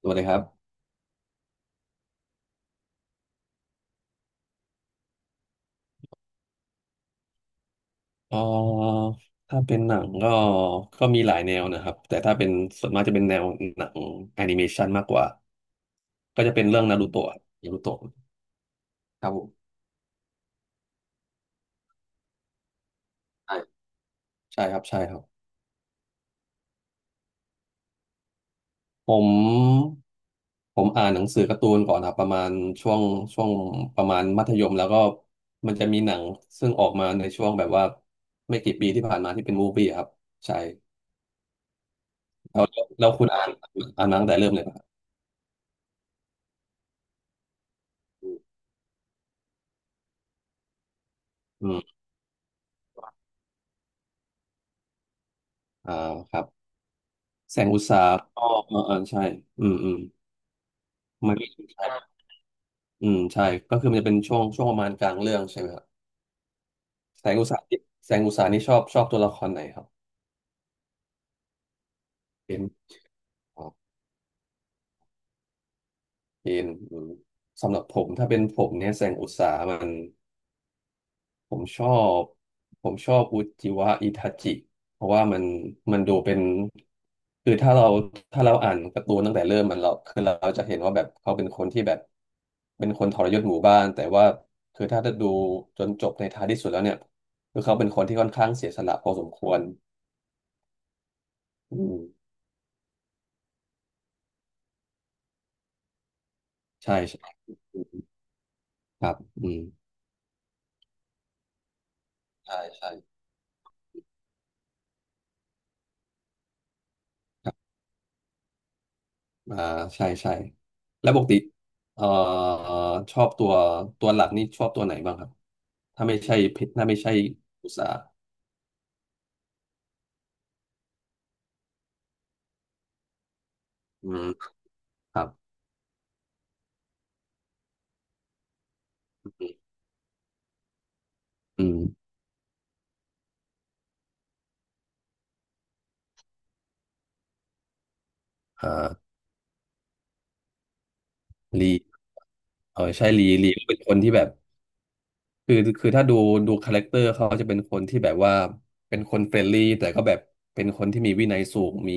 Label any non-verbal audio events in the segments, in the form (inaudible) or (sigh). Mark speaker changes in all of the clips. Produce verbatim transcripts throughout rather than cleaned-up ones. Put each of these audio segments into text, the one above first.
Speaker 1: สวัสดีครับเอ่อถ้าเป็นหนังก็ก็มีหลายแนวนะครับ แต่ถ้าเป็นส่วนมากจะเป็นแนวหนังแอนิเมชันมากกว่าก็จะเป็นเรื่องนารูโตะนารูโตะครับผมใช่ใช่ครับใช่ครับผมผมอ่านหนังสือการ์ตูนก่อนครับประมาณช่วงช่วงประมาณมัธยมแล้วก็มันจะมีหนังซึ่งออกมาในช่วงแบบว่าไม่กี่ปีที่ผ่านมาที่เป็นมูฟวี่ครับใช่แล้วแล้วคุณอ่านอ่านมาตั้งแต่เริ่มเลยป่ะครับอืมอ่าครับ แสงอุตสาหก็เออเออใช่อืมอืมมันก็ใช่อืมใช่ก็คือมันจะเป็นช่วงช่วงประมาณกลางเรื่องใช่ไหมครับแสงอุตสาหนี่แสงอุตสาหนี่ชอบชอบตัวละครไหนครับเป็นอ๋อเป็นอืมสำหรับผมถ้าเป็นผมเนี่ยแสงอุตสาหมัน ผมชอบผมชอบอุจิวะอิทาจิเพราะว่ามันมันดูเป็นคือถ้าเราถ้าเราอ่านการ์ตูนตั้งแต่เริ่มมันเราคือเราจะเห็นว่าแบบเขาเป็นคนที่แบบเป็นคนทรยศหมู่บ้านแต่ว่าคือถ้าจะดูจนจบในท้ายที่สุดแล้วเนี่ยคือเขาเป็นคนที่ค่อนข้างเสียสละพอสมควรอืมใช่ใช่ครับอืมใช่ใช่ครับอ่าใช่ใช่แล้วปกติเอ่อชอบตัวตัวหลักนี่ชอบตัวไหนบ้างครับ ถ้าไม่ใช่เพถ้าไม่ใช่อุตสาหอืมครับอืมอ่าลีเออใช่ลีลีเป็นคนที่แบบคือคือถ้าดูดูคาแรคเตอร์เขาจะเป็นคนที่แบบว่าเป็นคนเฟรนลี่แต่ก็แบบเป็นคนที่มีวินัยสูงมี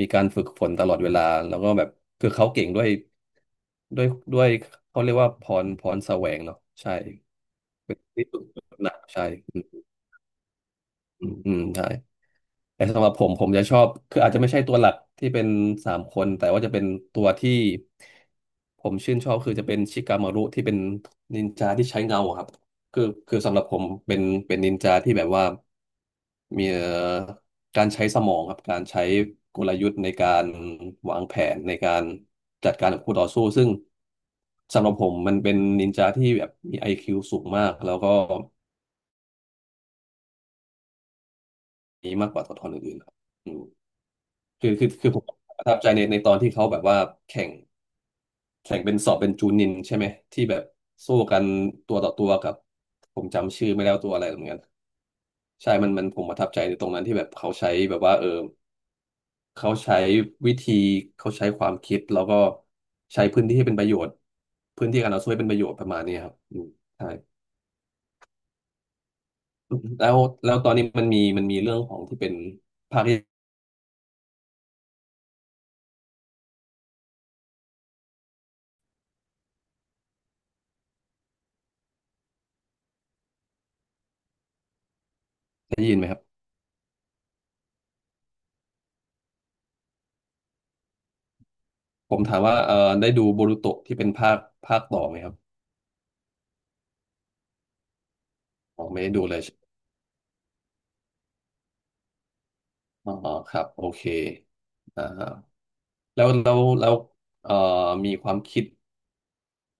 Speaker 1: มีการฝึกฝนตลอดเวลาแล้วก็แบบคือเขาเก่งด้วยด้วยด้วยเขาเรียกว่าพรพรแสวงเนาะใช่เป็นที่ฝึกฝนหนักใช่อืมอืมใช่ แต่สำหรับผมผมจะชอบคืออาจจะไม่ใช่ตัวหลักที่เป็นสามคนแต่ว่าจะเป็นตัวที่ผมชื่นชอบคือจะเป็นชิกามารุที่เป็นนินจาที่ใช้เงาอะครับคือคือสำหรับผมเป็นเป็นนินจาที่แบบว่ามีเอ่อการใช้สมองครับการใช้กลยุทธ์ในการวางแผนในการจัดการกับคู่ต่อสู้ซึ่งสำหรับผมมันเป็นนินจาที่แบบมี ไอ คิว สูงมากแล้วก็มีมากกว่าตัวละครอื่นๆครับ คือคือคือผมประทับใจในในตอนที่เขาแบบว่าแข่งแข่งเป็นสอบเป็นจูนินใช่ไหมที่แบบสู้กันตัวต่อตัวกับผมจำชื่อไม่ได้ว่าตัวอะไรเหมือนกันใช่ มันมันผมประทับใจในตรงนั้นที่แบบเขาใช้แบบว่าเออเขาใช้วิธีเขาใช้ความคิดแล้วก็ใช้พื้นที่ให้เป็นประโยชน์พื้นที่การเอาช่วยเป็นประโยชน์ประมาณนี้ครับอืมใช่แล้วแล้วตอนนี้มันมีมันมีเรื่องของที่เป็นภาคที่ได้ยินไหมครับผมถามว่าเออได้ดูโบรูโตะที่เป็นภาคภาคต่อไหมครับอ๋อไม่ได้ดูเลย อ๋อครับโอเคอ่าแล้วแล้วแล้วเอ่อมีความคิด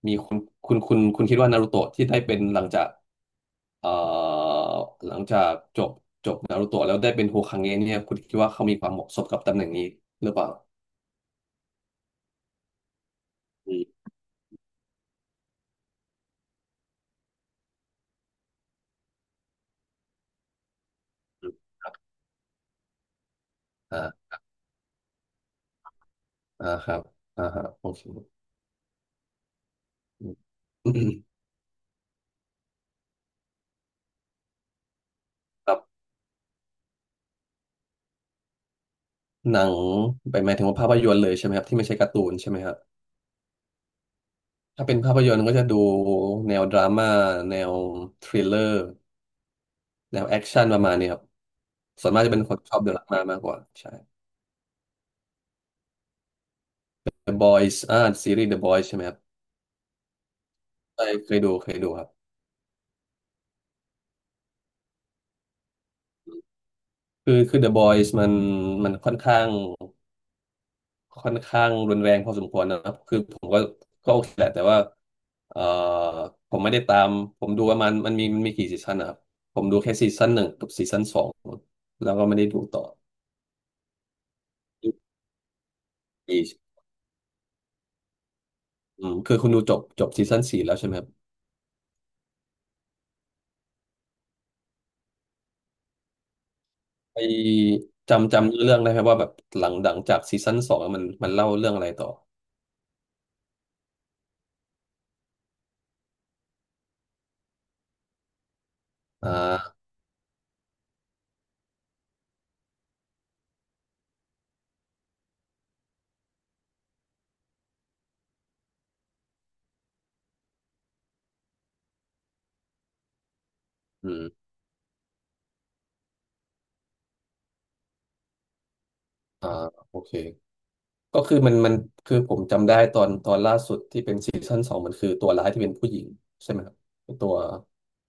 Speaker 1: มีคุณคุณคุณคุณคิดว่านารูโตะที่ได้เป็นหลังจากเอ่อหลังจากจบจบนารูโตะแล้วได้เป็นโฮคาเงะเนี่ยคุณคิดว่าเขามีความเหมาะสมกับตำแหน่งนี้หรือเปล่าอืมครับอ่าอ่าครับอ่าฮะโอเคอืมครับหนังไปหมายถึงว่าภาพยนตร์เลยใช่ไหมครับที่ไม่ใช่การ์ตูนใช่ไหมครับถ้าเป็นภาพยนตร์ก็จะดูแนวดราม่าแนวทริลเลอร์ แนวแอคชั่นประมาณนี้ครับส่วนมากจะเป็นคนชอบดูดราม่ามากกว่าใช่ The Boys อ่าซีรีส์ The Boys ใช่ไหมครับใช่เคยดูเคยดูครับคือคือ The Boys มันมันค่อนข้างค่อนข้างรุนแรงพอสมควรนะครับคือผมก็ก็โอเคแหละแต่ว่าเอ่อผมไม่ได้ตามผมดูว่ามันมันมีมันมีกี่ซีซั่นนะครับผมดูแค่ซีซั่นหนึ่งกับซีซั่นสองแล้วก็ไม่ได้ดูต่ออืมคือคุณดูจบจบซีซั่นสี่แล้วใช่ไหมครับ ไอจำจำเรื่องได้ไหมว่าแบบหลังหลังจากซีซั่นสองอะมันมันเล่าเรื่องอะไรต่ออ่าอืมอ่าโอเคก็คือมันมันคือผมจำได้ตอนตอนล่าสุดที่เป็นซีซั่นสองมันคือตัวร้ายที่เป็นผู้หญิงใช่ไหมครับเป็นตัว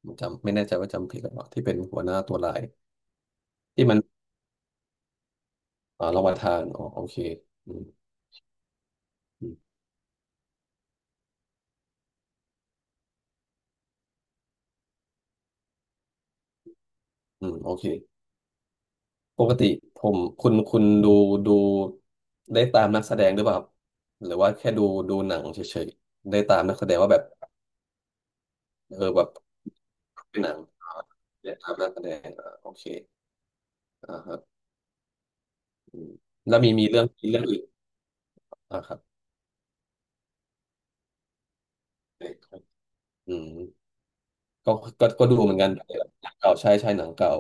Speaker 1: ผมจำไม่แน่ใจว่าจำผิดหรือเปล่าที่เป็นหัวหน้าตัวร้ายที่มันอ่าเรามาทานอ๋อโอเคอืมอืมอืมโอเคปกติผมคุณคุณดูดูได้ตามนักแสดงหรือเปล่าครับหรือว่าแค่ดูดูหนังเฉยๆได้ตามนักแสดงว่าแบบ เออแบบเป็นหนังเนียกตมนักแสดงอ่าโอเคอ่าฮะอืมแล้วมีมีเรื่องมีเรื่องอื่นอ่าครับอืมก็ก็ก็ดูเหมือนกันหนังเก่าใช่ใช่หนังเก่า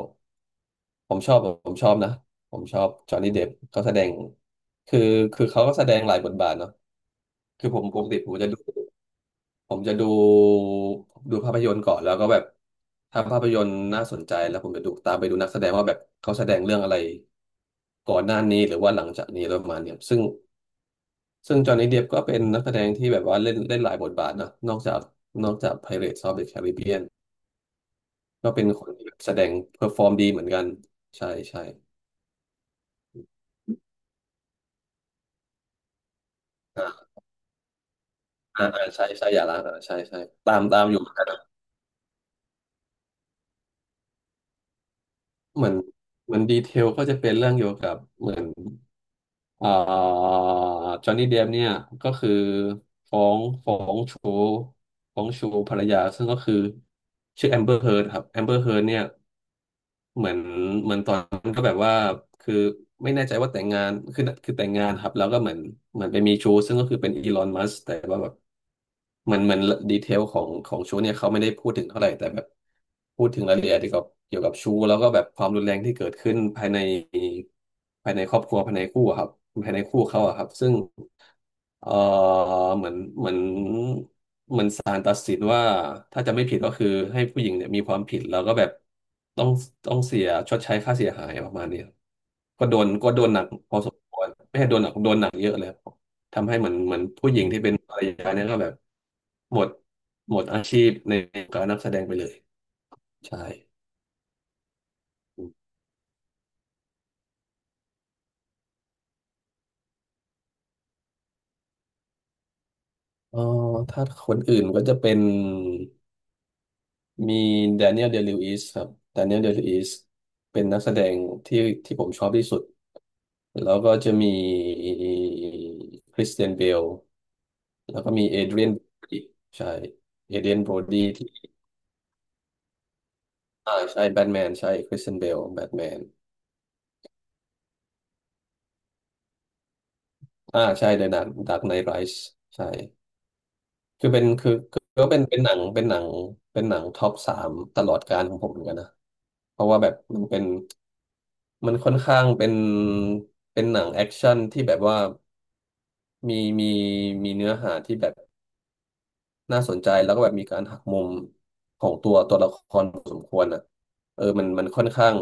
Speaker 1: ผมชอบผมชอบนะผมชอบจอห์นนี่เดปเขาแสดงคือคือเขาก็แสดงหลายบทบาทเนาะคือผมปกติผมจะดู ผมจะดูดูภาพยนตร์ก่อนแล้วก็แบบถ้าภาพยนตร์น่าสนใจแล้วผมจะดูตามไปดูนักแสดงว่าแบบเขาแสดงเรื่องอะไรก่อนหน้านี้หรือว่าหลังจากนี้แล้วประมาณเนี้ยซึ่งซึ่งจอห์นนี่เดปก็เป็นนักแสดงที่แบบว่าเล่นเล่นหลายบทบาทนะนอกจากนอกจาก Pirates of the Caribbean ก็เป็นคนที่แบบแสดงเพอร์ฟอร์มดีเหมือนกันใช่ใช่อ่าอ่าอ่าใช่ใช่อย่าล้างอ่าใช่ใช่ตามตามอยู่เหมือนกันนะเหมือนเหมือนดีเทลก็จะเป็นเรื่องเกี่ยวกับเหมือน เอ่อจอห์นนี่เดปเนี่ยก็คือฟ้องฟ้องชู้ฟ้องชู้ภรรยาซึ่งก็คือชื่อแอมเบอร์เฮิร์ดครับแอมเบอร์เฮิร์ดเนี่ย เหมือนเหมือนตอนนั้นก็แบบว่าคือไม่แน่ใจว่าแต่งงานคือคือแต่งงานครับแล้วก็เหมือนเหมือนไปมีชู้ซึ่งก็คือเป็นอีลอนมัสแต่ว่าแบบเหมือนเหมือนดีเทลของของชู้เนี่ยเขาไม่ได้พูดถึงเท่าไหร่แต่แบบพูดถึงรายละเอียดเกี่ยวกับเกี่ยวกับชู้แล้วก็แบบความรุนแรงที่เกิดขึ้นภายในภายในครอบครัวภายในคู่อะครับภายในคู่เขาอะครับซึ่ง เอ่อเหมือนเหมือนเหมือนศาลตัดสินว่าถ้าจะไม่ผิดก็คือให้ผู้หญิงเนี่ยมีความผิดแล้วก็แบบต้องต้องเสียชดใช้ค่าเสียหายประมาณเนี้ยก็โดนก็โดนหนักพอสมควรไม่ใช่โดนหนักโดนหนักเยอะเลยครับทำให้เหมือนเหมือนผู้หญิงที่เป็นภรรยาเนี่ยก็แบบหมดหมดอาชีพในการนักแสดงไปเลยใช่เออถ้าคนอื่นก็จะเป็น มีแดเนียลเดลิวอิสครับแดเนียลเดลิวอิสเป็นนักแสดงที่ที่ผมชอบที่สุดแล้วก็จะมีคริสเตียนเบลแล้วก็มีเอเดรียนใช่เอเดรียนโบรดีที่อ่าใช่แบทแมนใช่คริสเตียนเบลแบทแมนอ่าใช่เดอะดาร์กไนท์ไรส์ใช่ คือเป็นคือคือก็เป็นเป็นหนังเป็นหนังเป็นหนังท็อปสามตลอดกาลของผมเหมือนกันนะเพราะว่าแบบมันเป็นมันค่อนข้างเป็นเป็นหนังแอคชั่นที่แบบว่ามีมีมีเนื้อหาที่แบบ น่าสนใจแล้วก็แบบมีการหักมุมของตัวตัวละครพอสมควรอ่ะเออมันมันค่อนข้าง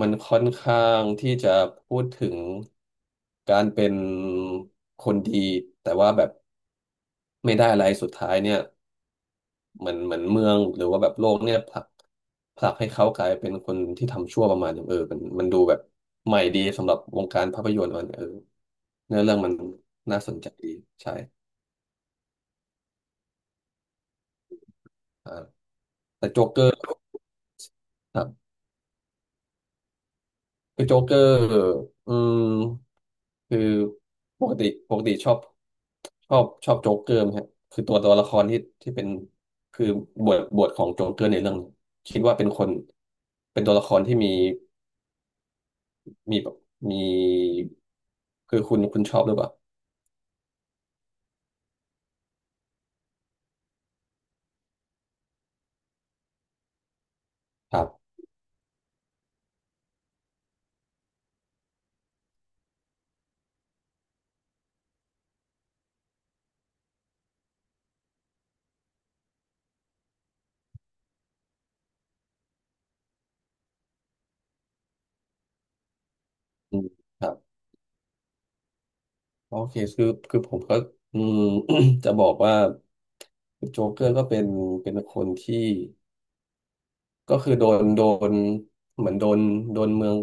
Speaker 1: มันค่อนข้างที่จะพูดถึงการเป็นคนดีแต่ว่าแบบไม่ได้อะไรสุดท้ายเนี่ยเหมือนเหมือนเมืองหรือว่าแบบโลกเนี่ยผลักผลักให้เขากลายเป็นคนที่ทำชั่วประมาณนึงเออมันมันดูแบบใหม่ดีสำหรับวงการภาพยนตร์มันเออเนื้อเรื่องมันน่าสนใจดีใช่อ่าแต่โจ๊กเกอร์ครับ คือโจ๊กเกอร์อืมคือปกติปกติชอบชอบชอบโจ๊กเกอร์ไหมฮะคือตัวตัวละครที่ที่เป็นคือบทบทของโจ๊กเกอร์ในเรื่องนี้คิดว่าเป็นคนเป็นตัวละครที่มีมีแบบมีคือคุณคุณชอบหรือเปล่าครับอืมครับโอเคคือคือผมก็อืม (coughs) (clears throat) จะบอกว่าโจ๊กเกอร์ก็เป็นเป็นคนที่ ก็คือโดนโดนเหมือนโดนโดนเมือง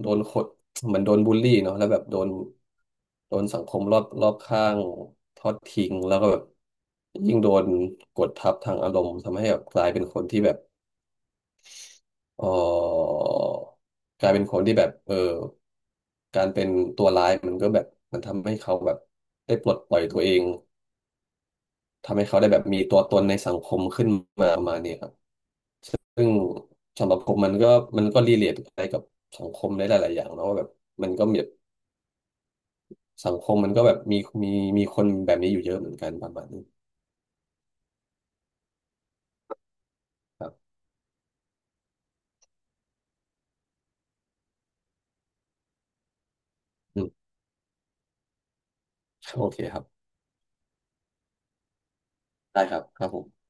Speaker 1: โดนขดเหมือนโดนบูลลี่เนาะแล้วแบบโดนโดนสังคมรอบรอบข้างทอดทิ้งแล้วก็แบบยิ่งโดนกดทับทางอารมณ์ทำให้แบบกลายเป็นคนที่แบบเออกลายเป็นคนที่แบบเออการเป็นตัวร้ายมันก็แบบมันทำให้เขาแบบได้ปลดปล่อยตัวเองทำให้เขาได้แบบมีตัวตนในสังคมขึ้นมาประมาณนี้ครับ ซึ่งสำหรับผมมันก็มันก็รีเลทไปกับสังคมในหลาย ๆ อย่างเนอะว่าแบบมันก็มีแบบสังคมมันก็แบบมีมีมีคนแบบนี้อยู่เยอะเหมือนกันประมาณนี้ครับอืมโอเคครับได้ครับครับผม